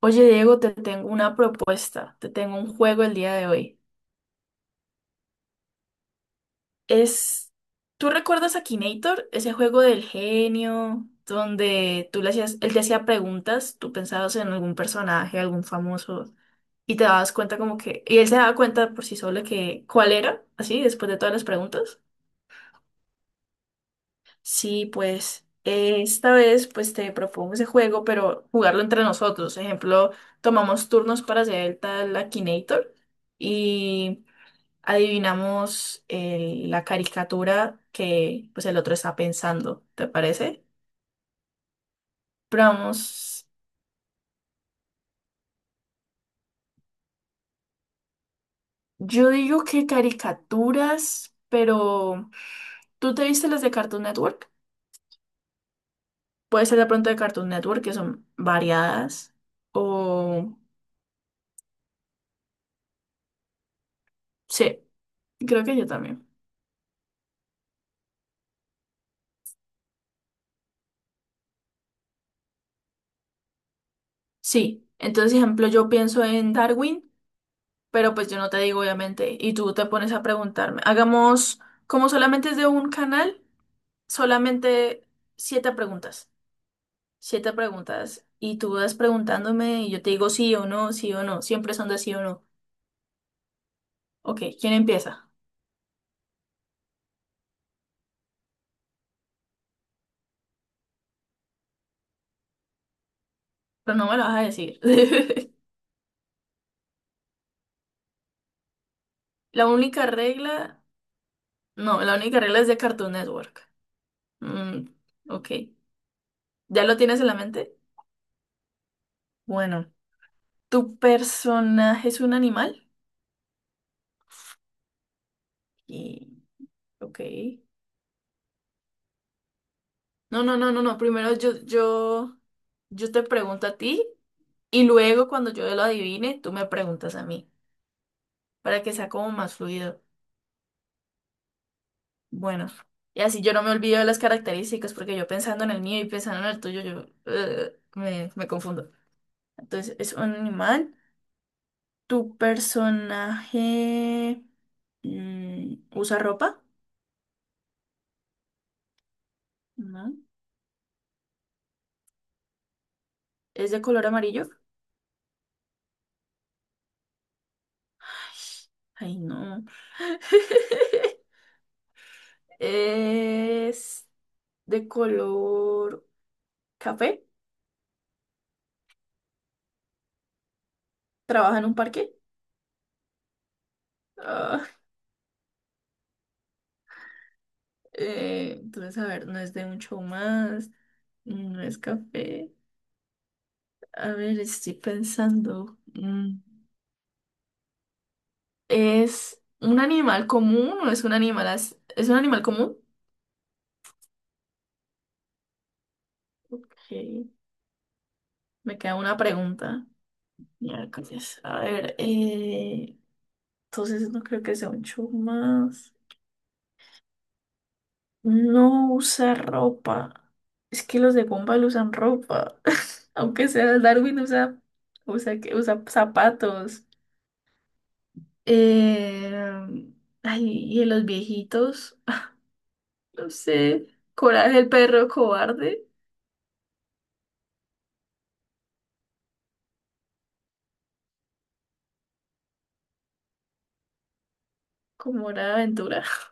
Oye, Diego, te tengo una propuesta, te tengo un juego el día de hoy. Es, ¿tú recuerdas a Kinator? Ese juego del genio, donde tú le hacías, él te hacía preguntas, tú pensabas en algún personaje, algún famoso, y te dabas cuenta como que, y él se daba cuenta por sí solo que cuál era, así, después de todas las preguntas. Sí, pues esta vez pues te propongo ese juego, pero jugarlo entre nosotros. Ejemplo, tomamos turnos para hacer el tal Akinator y adivinamos la caricatura que pues el otro está pensando, ¿te parece? Pero vamos, yo digo que caricaturas, pero ¿tú te viste las de Cartoon Network? Puede ser de pronto de Cartoon Network, que son variadas, o... Sí, creo que yo también. Sí, entonces, ejemplo, yo pienso en Darwin, pero pues yo no te digo, obviamente, y tú te pones a preguntarme. Hagamos, como solamente es de un canal, solamente siete preguntas. Siete preguntas. Y tú vas preguntándome y yo te digo sí o no, sí o no. Siempre son de sí o no. Ok, ¿quién empieza? Pero no me lo vas a decir. La única regla. No, la única regla es de Cartoon Network. Mm, ok. ¿Ya lo tienes en la mente? Bueno, ¿tu personaje es un animal? Y. Ok. No, no, no, no, no. Primero yo te pregunto a ti y luego cuando yo lo adivine, tú me preguntas a mí para que sea como más fluido. Bueno, y así yo no me olvido de las características porque yo pensando en el mío y pensando en el tuyo, yo me confundo. Entonces, es un animal. ¿Tu personaje usa ropa? No. ¿Es de color amarillo? Ay, no. ¿Es de color café? ¿Trabaja en un parque? Ah, entonces, a ver, no es de un show más, no es café. A ver, estoy pensando. Mm, ¿es un animal común o es un es un animal común? Ok, me queda una pregunta. Miércoles. A ver, entonces no creo que sea un chumas. No usa ropa. Es que los de Gumball usan ropa. Aunque sea Darwin usa zapatos. Eh, ay, y en los viejitos, no sé. Coraje el perro cobarde. Como hora de aventura.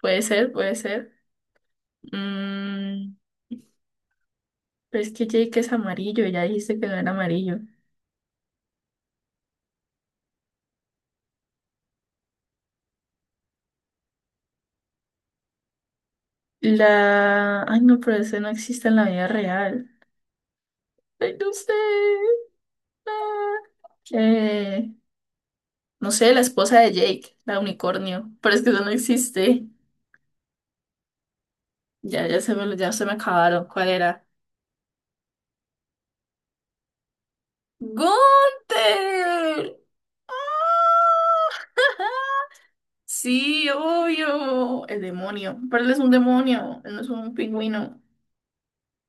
Puede ser, puede ser. Mm, pero es que Jake es amarillo, ya dijiste que no era amarillo. La... Ay, no, pero ese no existe en la vida real. Ay, no sé. Ah, eh, no sé, la esposa de Jake, la unicornio. Pero es que eso no existe. Ya, ya se me acabaron. ¿Cuál era? ¡Gunther! Sí, obvio. El demonio. Pero él es un demonio. Él no es un pingüino.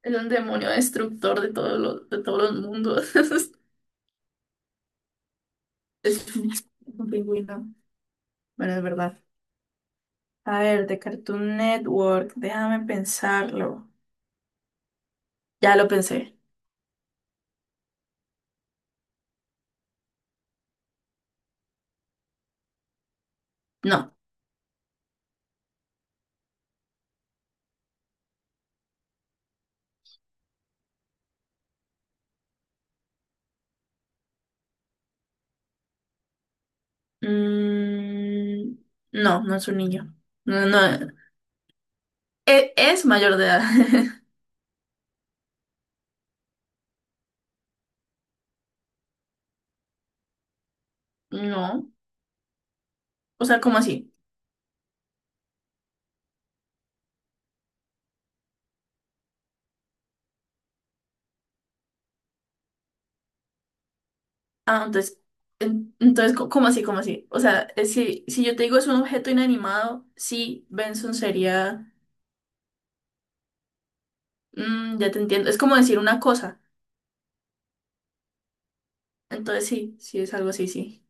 Es un demonio destructor de de todos los mundos. Es un pingüino. Bueno, es verdad. A ver, de Cartoon Network, déjame pensarlo. Ya lo pensé. No. Mm, no, no es un niño. No, no. Es, mayor de edad. No. O sea, ¿cómo así? Ah, entonces, entonces, ¿cómo así? ¿Cómo así? O sea, si, si yo te digo es un objeto inanimado, sí, Benson sería. Mm, ya te entiendo. Es como decir una cosa. Entonces sí, sí es algo así, sí.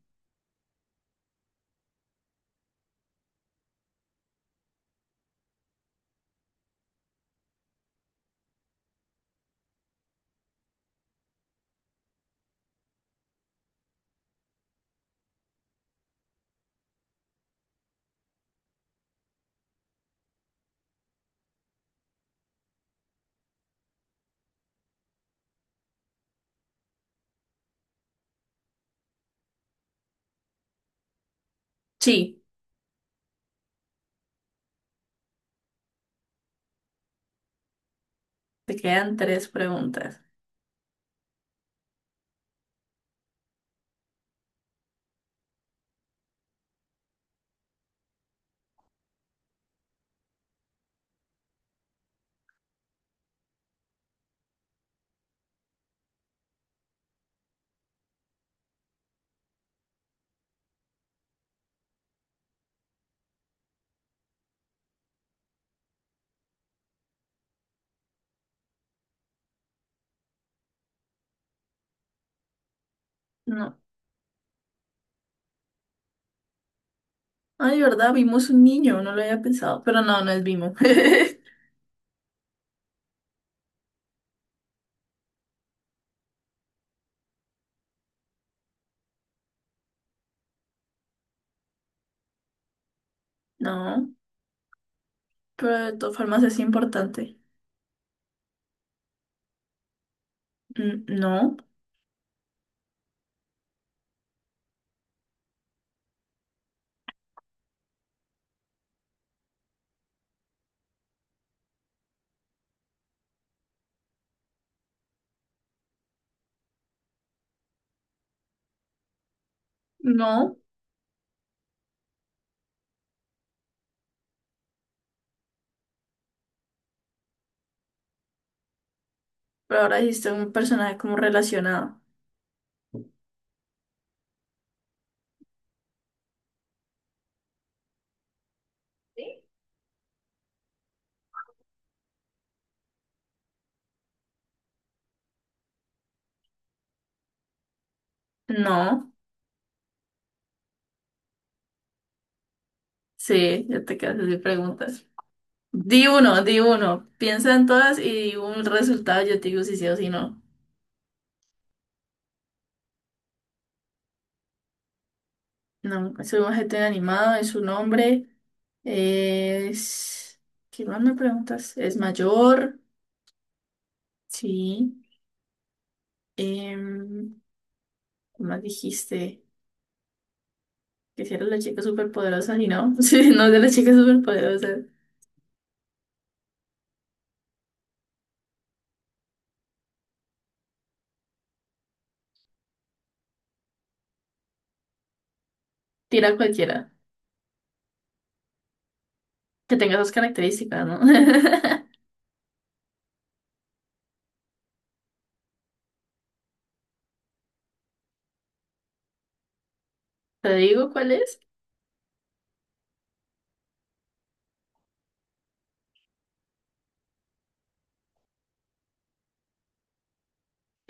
Sí, te quedan tres preguntas. No. Ay, ¿verdad? Vimos un niño, no lo había pensado, pero no, no es Vimo. No, pero de todas formas es importante. Mm, no, no, pero ahora dijiste un personaje como relacionado. No, sí, ya te quedas sin preguntas. Di uno, di uno. Piensa en todas y di un resultado, yo te digo si sí o si no. No, es un GT animado, es un hombre, es... ¿Qué más me preguntas? Es mayor, sí. Em, ¿qué más dijiste? Que si era la chica superpoderosa y no, sí, no es de la chica superpoderosa. Tira a cualquiera, que tenga esas características, ¿no? Te digo cuál es.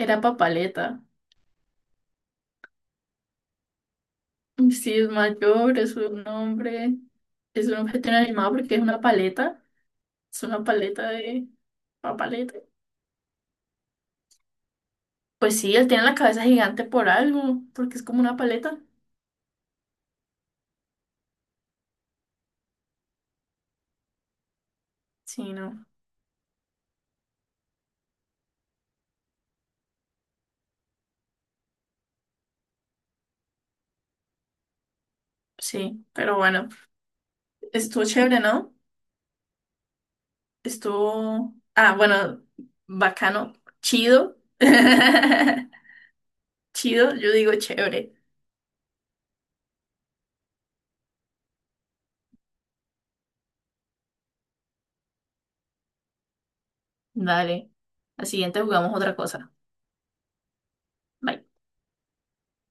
Era Papaleta. Sí, es mayor, es un hombre, es un objeto inanimado porque es una paleta de papaleta. Pues sí, él tiene la cabeza gigante por algo, porque es como una paleta. Sí, no. Sí, pero bueno, estuvo chévere, ¿no? Estuvo, ah, bueno, bacano, chido. Chido, yo digo chévere. Dale. Al siguiente jugamos otra cosa. Bye.